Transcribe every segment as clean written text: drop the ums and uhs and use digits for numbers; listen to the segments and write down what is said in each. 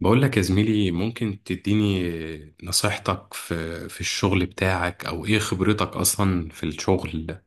بقول لك يا زميلي، ممكن تديني نصيحتك في الشغل بتاعك او ايه خبرتك اصلا في الشغل ده؟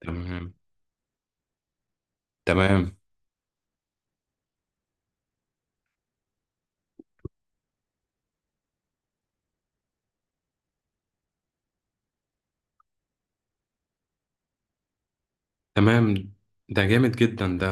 تمام، تمام، تمام. ده جامد جدا ده.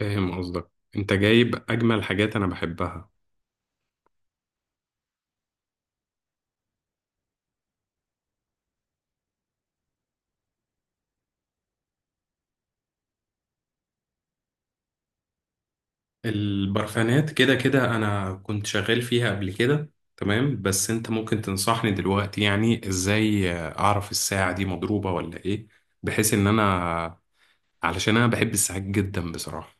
فاهم قصدك. انت جايب اجمل حاجات انا بحبها. البرفانات كده كده انا كنت شغال فيها قبل كده. تمام، بس انت ممكن تنصحني دلوقتي يعني ازاي اعرف الساعة دي مضروبة ولا ايه؟ بحيث ان انا، علشان انا بحب الساعات جدا بصراحة.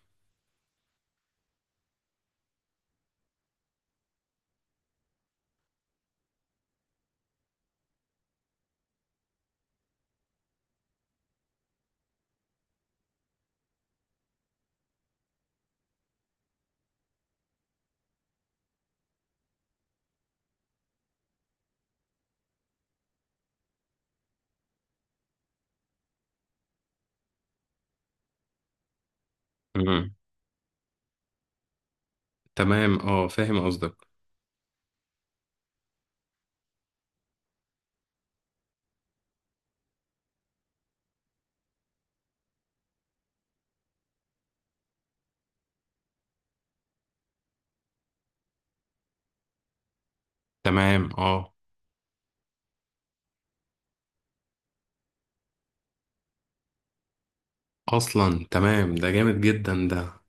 تمام، اه، فاهم قصدك. تمام، اه، اصلا. تمام، ده جامد جدا ده.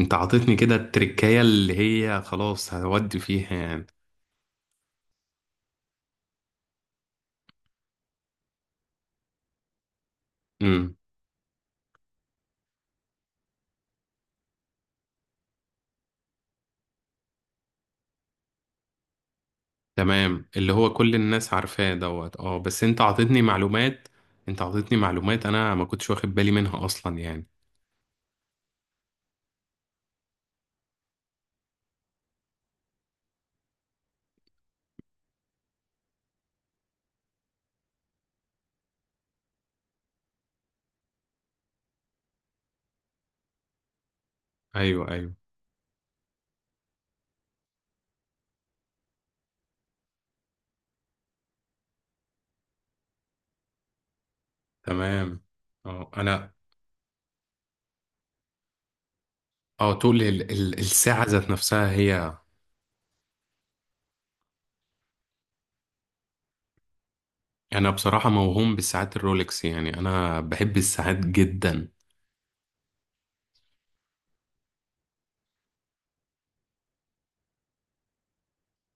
انت عطيتني كده التركية اللي هي خلاص هودي فيها يعني. امم. تمام، اللي هو كل الناس عارفاه دوت، اه، بس انت عطيتني معلومات. انت عطيتني معلومات انا ما كنتش واخد بالي منها اصلا يعني. ايوه، ايوه. تمام، اه، انا اه تقول الساعة ذات نفسها هي. انا بصراحة موهوم بالساعات الرولكس، يعني انا بحب الساعات جدا.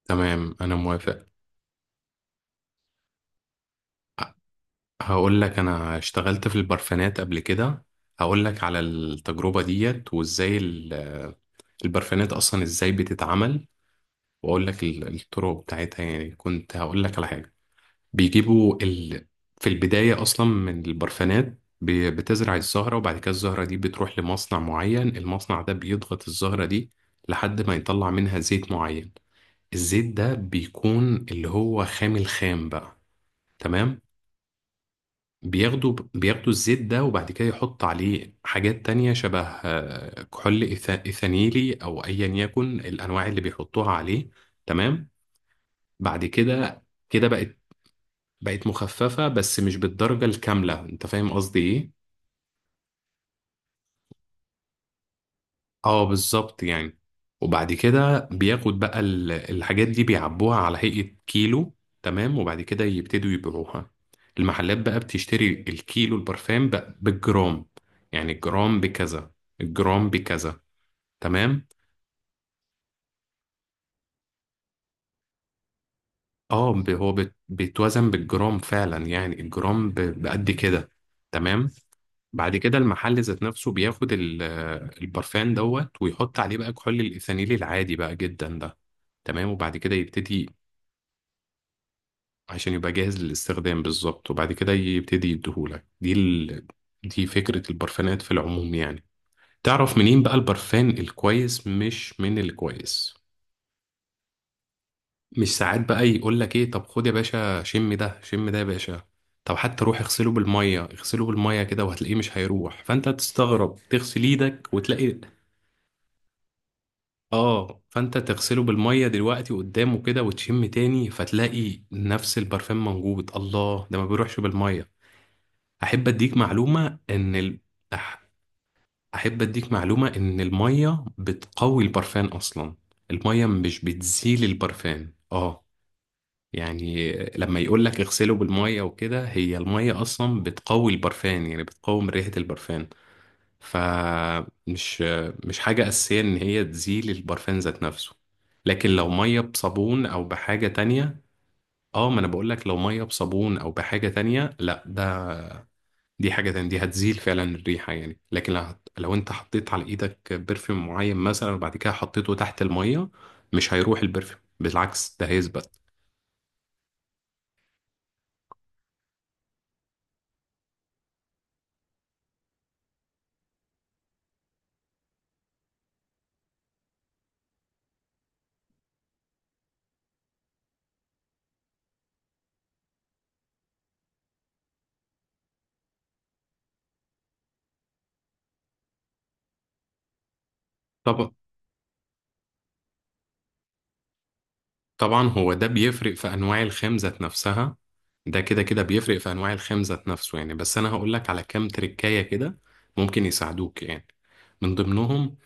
تمام، انا موافق. هقول لك، انا اشتغلت في البرفانات قبل كده. هقول لك على التجربة ديت، وازاي البرفانات اصلا ازاي بتتعمل. واقول لك الطرق بتاعتها يعني. كنت هقول لك على حاجة. بيجيبوا في البداية اصلا من البرفانات بتزرع الزهرة، وبعد كده الزهرة دي بتروح لمصنع معين. المصنع ده بيضغط الزهرة دي لحد ما يطلع منها زيت معين. الزيت ده بيكون اللي هو خام الخام بقى. تمام. بياخدوا الزيت ده، وبعد كده يحط عليه حاجات تانية شبه كحول إيثانيلي، أو أيا يكن الأنواع اللي بيحطوها عليه. تمام. بعد كده بقت مخففة، بس مش بالدرجة الكاملة. أنت فاهم قصدي إيه؟ اه، بالظبط يعني. وبعد كده بياخد بقى الحاجات دي، بيعبوها على هيئة كيلو. تمام، وبعد كده يبتدوا يبيعوها. المحلات بقى بتشتري الكيلو، البرفان بقى بالجرام. يعني الجرام بكذا، الجرام بكذا. تمام. اه، هو بيتوزن بالجرام فعلا. يعني الجرام بقد كده. تمام. بعد كده المحل ذات نفسه بياخد البرفان دوت، ويحط عليه بقى كحول الإيثانيل العادي بقى جدا ده. تمام، وبعد كده يبتدي. عشان يبقى جاهز للاستخدام، بالظبط. وبعد كده يبتدي يديهولك دي فكرة البرفانات في العموم يعني. تعرف منين بقى البرفان الكويس مش من الكويس؟ مش ساعات بقى يقول لك ايه؟ طب خد يا باشا، شم ده شم ده يا باشا. طب حتى روح اغسله بالمية، اغسله بالمية كده، وهتلاقيه مش هيروح. فانت تستغرب، تغسل ايدك وتلاقي. اه، فانت تغسله بالمية دلوقتي قدامه كده وتشم تاني، فتلاقي نفس البرفان موجود. الله، ده ما بيروحش بالمية. احب اديك معلومه ان ال... أح- احب اديك معلومه ان الميه بتقوي البرفان اصلا. الميه مش بتزيل البرفان، اه. يعني لما يقول لك اغسله بالميه وكده، هي الميه اصلا بتقوي البرفان، يعني بتقوم ريحه البرفان. فمش مش حاجه اساسيه ان هي تزيل البرفان ذات نفسه. لكن لو ميه بصابون او بحاجه تانية. اه، ما انا بقول لك لو ميه بصابون او بحاجه تانية، لا، ده دي حاجة تانية، دي هتزيل فعلا الريحة يعني. لكن لو انت حطيت على ايدك برفيوم معين مثلا وبعد كده حطيته تحت المية، مش هيروح البرفيوم، بالعكس ده هيثبت. طب... طبعا هو ده بيفرق في انواع الخام ذات نفسها. ده كده كده بيفرق في انواع الخام ذات نفسه يعني. بس انا هقول لك على كام تركاية كده، ممكن يساعدوك يعني. من ضمنهم،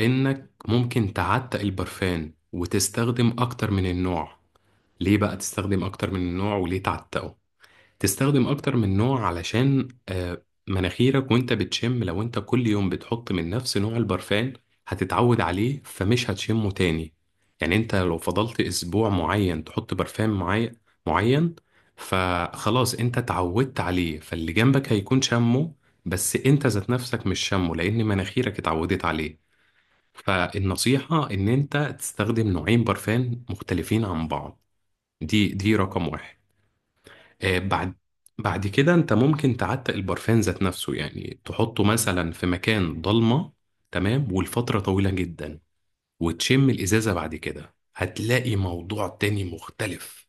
انك ممكن تعتق البرفان وتستخدم اكتر من النوع. ليه بقى تستخدم اكتر من النوع وليه تعتقه؟ تستخدم اكتر من نوع علشان مناخيرك وانت بتشم، لو انت كل يوم بتحط من نفس نوع البرفان، هتتعود عليه فمش هتشمه تاني. يعني انت لو فضلت اسبوع معين تحط برفان معين، فخلاص انت اتعودت عليه، فاللي جنبك هيكون شمه. بس انت ذات نفسك مش شمه، لان مناخيرك اتعودت عليه. فالنصيحة ان انت تستخدم نوعين برفان مختلفين عن بعض. دي رقم واحد. آه، بعد بعد كده انت ممكن تعتق البرفان ذات نفسه، يعني تحطه مثلا في مكان ضلمة. تمام، والفترة طويلة جدا. وتشم الإزازة بعد كده، هتلاقي موضوع تاني مختلف.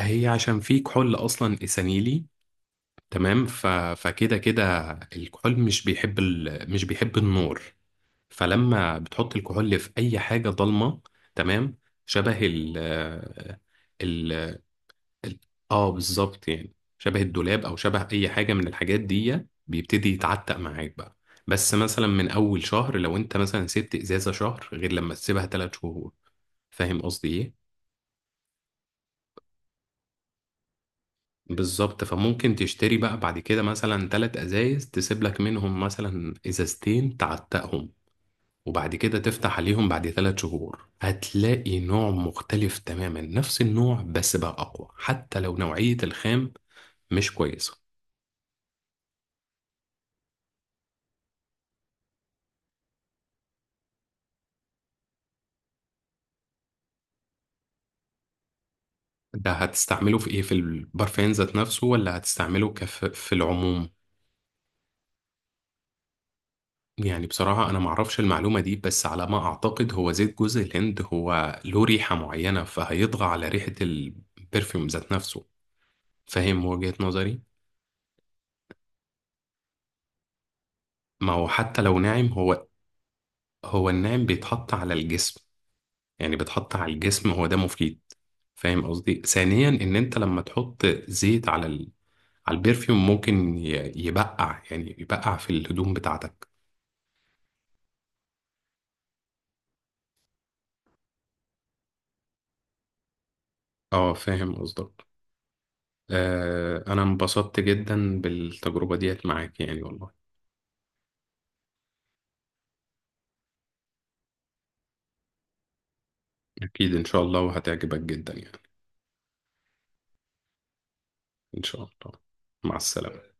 هي عشان في كحول أصلا إسانيلي. تمام. فكده كده الكحول مش بيحب النور. فلما بتحط الكحول في أي حاجة ضلمة. تمام. شبه ال... آه، ال... ال- اه، بالظبط يعني. شبه الدولاب او شبه اي حاجه من الحاجات دي، بيبتدي يتعتق معاك بقى. بس مثلا من اول شهر، لو انت مثلا سبت ازازه شهر، غير لما تسيبها 3 شهور. فاهم قصدي ايه؟ بالظبط. فممكن تشتري بقى بعد كده مثلا 3 ازايز، تسيب لك منهم مثلا ازازتين تعتقهم، وبعد كده تفتح عليهم بعد 3 شهور. هتلاقي نوع مختلف تماما، نفس النوع بس بقى اقوى، حتى لو نوعيه الخام مش كويسه. ده هتستعمله في ايه؟ في البرفان ذات نفسه ولا هتستعمله كف في العموم؟ يعني بصراحة انا معرفش المعلومة دي، بس على ما اعتقد، هو زيت جوز الهند هو له ريحة معينة، فهيطغى على ريحة البرفيوم ذات نفسه. فاهم وجهة نظري؟ ما هو حتى لو ناعم هو. هو الناعم بيتحط على الجسم. يعني بيتحط على الجسم، هو ده مفيد. فاهم قصدي؟ ثانيا، ان انت لما تحط زيت على البرفيوم، ممكن يبقع، يعني يبقع في الهدوم بتاعتك. اه، فاهم قصدك. انا انبسطت جدا بالتجربة ديت معاك يعني والله. اكيد ان شاء الله، وهتعجبك جدا يعني. ان شاء الله. مع السلامة.